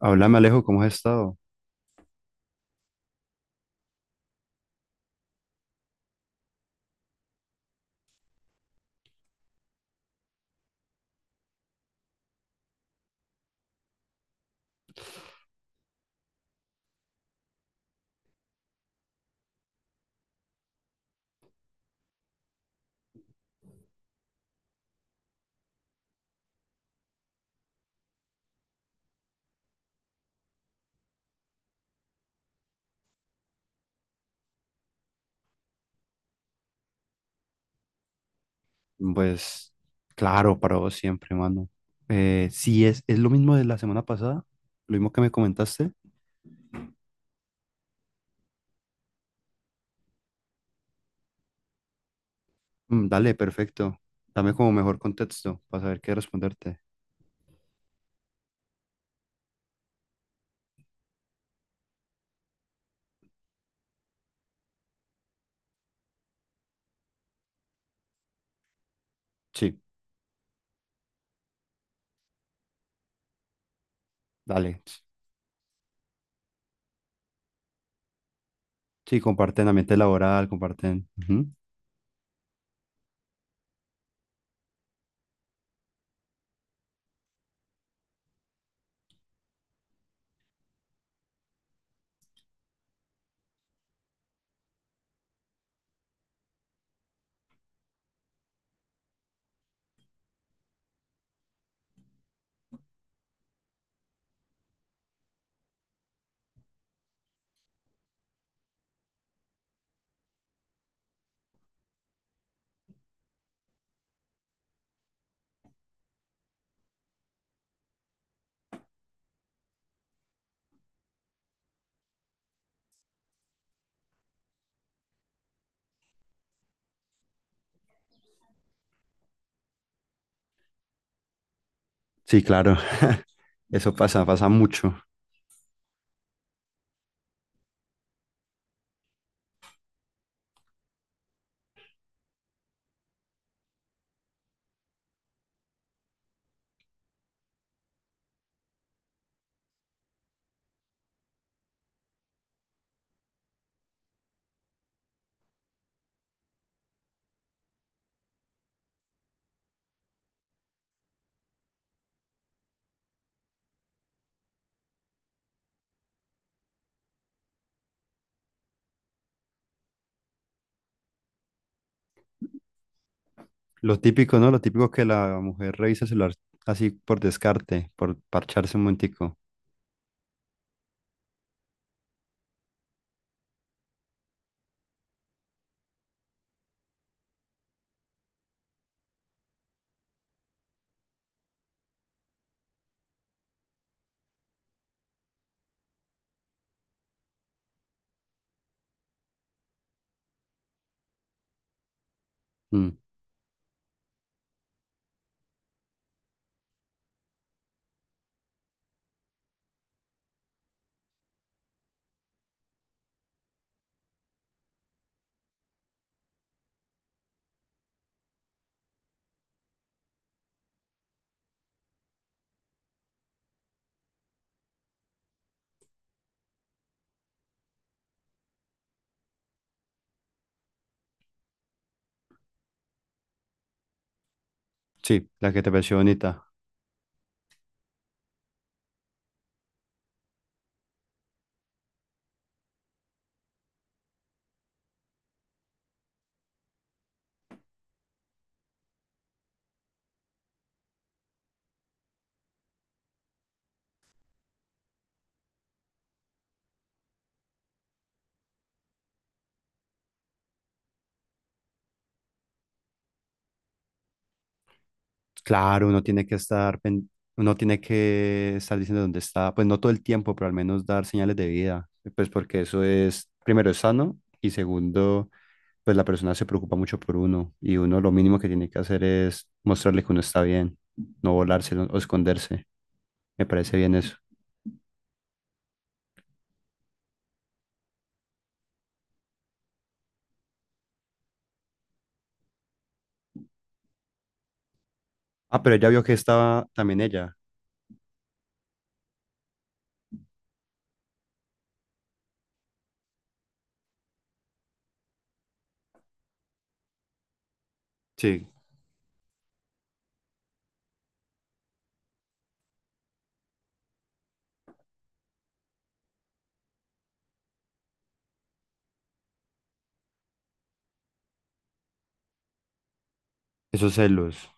Háblame, Alejo, ¿cómo has estado? Pues claro, para vos siempre, mano. Si es lo mismo de la semana pasada, lo mismo que me comentaste. Dale, perfecto. Dame como mejor contexto para saber qué responderte. Sí, dale. Sí, comparten ambiente laboral, comparten. Ujú. Sí, claro. Eso pasa, pasa mucho. Lo típico, ¿no? Lo típico que la mujer revisa el celular así por descarte, por parcharse un momentico. Mm. Sí, la que te pareció bonita. Claro, uno tiene que estar, uno tiene que estar diciendo dónde está, pues no todo el tiempo, pero al menos dar señales de vida, pues porque eso es, primero, es sano y, segundo, pues la persona se preocupa mucho por uno y uno lo mínimo que tiene que hacer es mostrarle que uno está bien, no volarse o esconderse. Me parece bien eso. Ah, pero ella vio que estaba también ella. Sí, esos celos.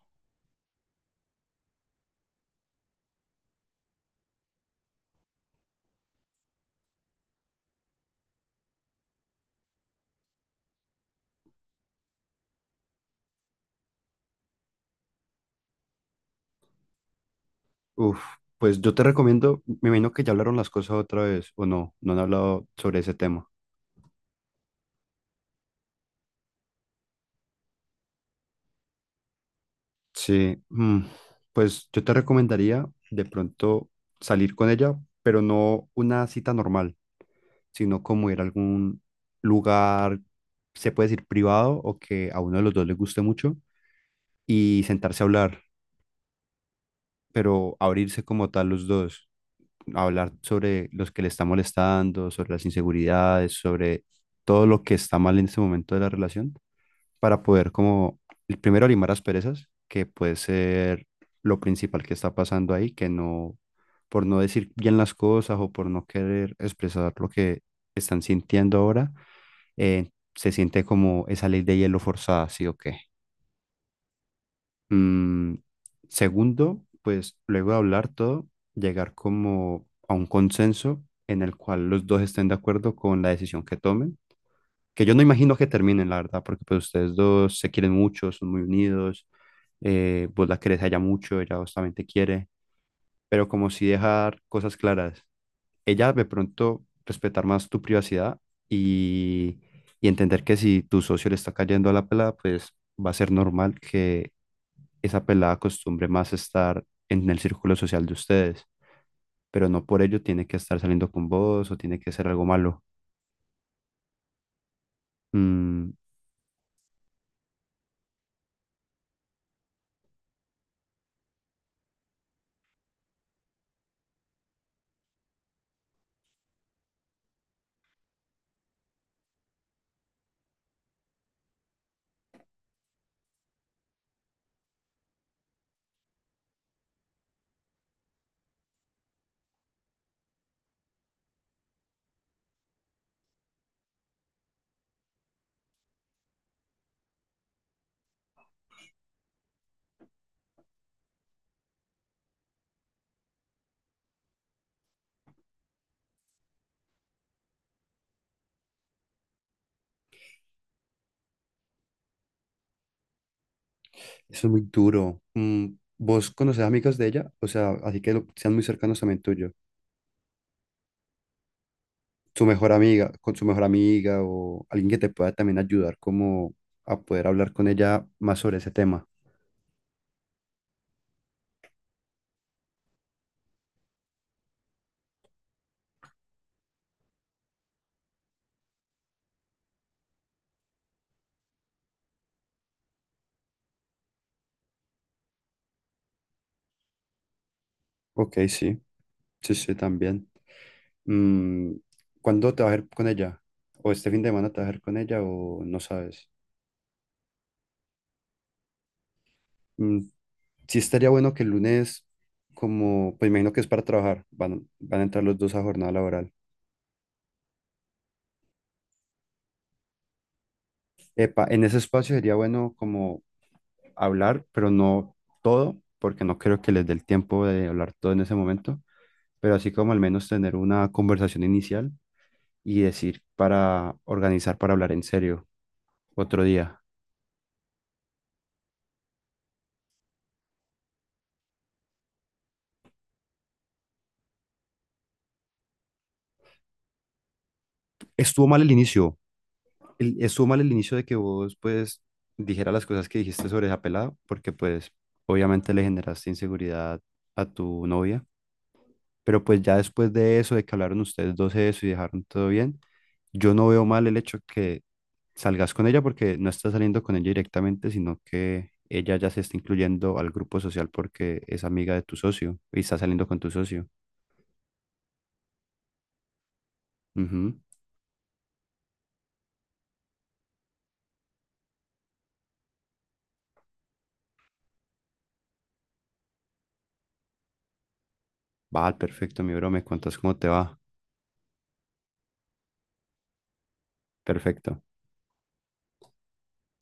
Uf, pues yo te recomiendo, me imagino que ya hablaron las cosas otra vez o no, no han hablado sobre ese tema. Sí, mm, pues yo te recomendaría de pronto salir con ella, pero no una cita normal, sino como ir a algún lugar, se puede decir privado o que a uno de los dos le guste mucho, y sentarse a hablar, pero abrirse como tal los dos, hablar sobre los que le está molestando, sobre las inseguridades, sobre todo lo que está mal en este momento de la relación, para poder como, el primero, limar las perezas que puede ser lo principal que está pasando ahí, que no, por no decir bien las cosas o por no querer expresar lo que están sintiendo ahora, se siente como esa ley de hielo forzada, ¿sí o qué? Mm. Segundo, pues luego de hablar todo, llegar como a un consenso en el cual los dos estén de acuerdo con la decisión que tomen, que yo no imagino que terminen, la verdad, porque pues ustedes dos se quieren mucho, son muy unidos, vos la querés a ella mucho, ella vos también te quiere, pero como si dejar cosas claras, ella de pronto respetar más tu privacidad y, y entender que si tu socio le está cayendo a la pelada, pues va a ser normal que esa pelada acostumbre más estar en el círculo social de ustedes, pero no por ello tiene que estar saliendo con vos o tiene que ser algo malo. Mm. Eso es muy duro. Mm. ¿Vos conoces amigos de ella? O sea, así que sean muy cercanos también tuyo. Su mejor amiga, con su mejor amiga o alguien que te pueda también ayudar como a poder hablar con ella más sobre ese tema. Ok, sí, sí, sí, también. Mm. ¿Cuándo te vas a ir con ella? ¿O este fin de semana te vas a ir con ella o no sabes? Mm, sí estaría bueno que el lunes, como, pues imagino que es para trabajar, van a entrar los dos a jornada laboral. Epa, en ese espacio sería bueno como hablar, pero no todo, porque no creo que les dé el tiempo de hablar todo en ese momento, pero así como al menos tener una conversación inicial y decir para organizar para hablar en serio otro día. Estuvo mal el inicio, estuvo mal el inicio de que vos pues dijeras las cosas que dijiste sobre esa pelada, porque pues obviamente le generaste inseguridad a tu novia. Pero pues ya después de eso, de que hablaron ustedes dos de eso y dejaron todo bien, yo no veo mal el hecho que salgas con ella, porque no estás saliendo con ella directamente, sino que ella ya se está incluyendo al grupo social porque es amiga de tu socio y está saliendo con tu socio. Ujú. Va, perfecto, mi bro, me cuentas cómo te va. Perfecto.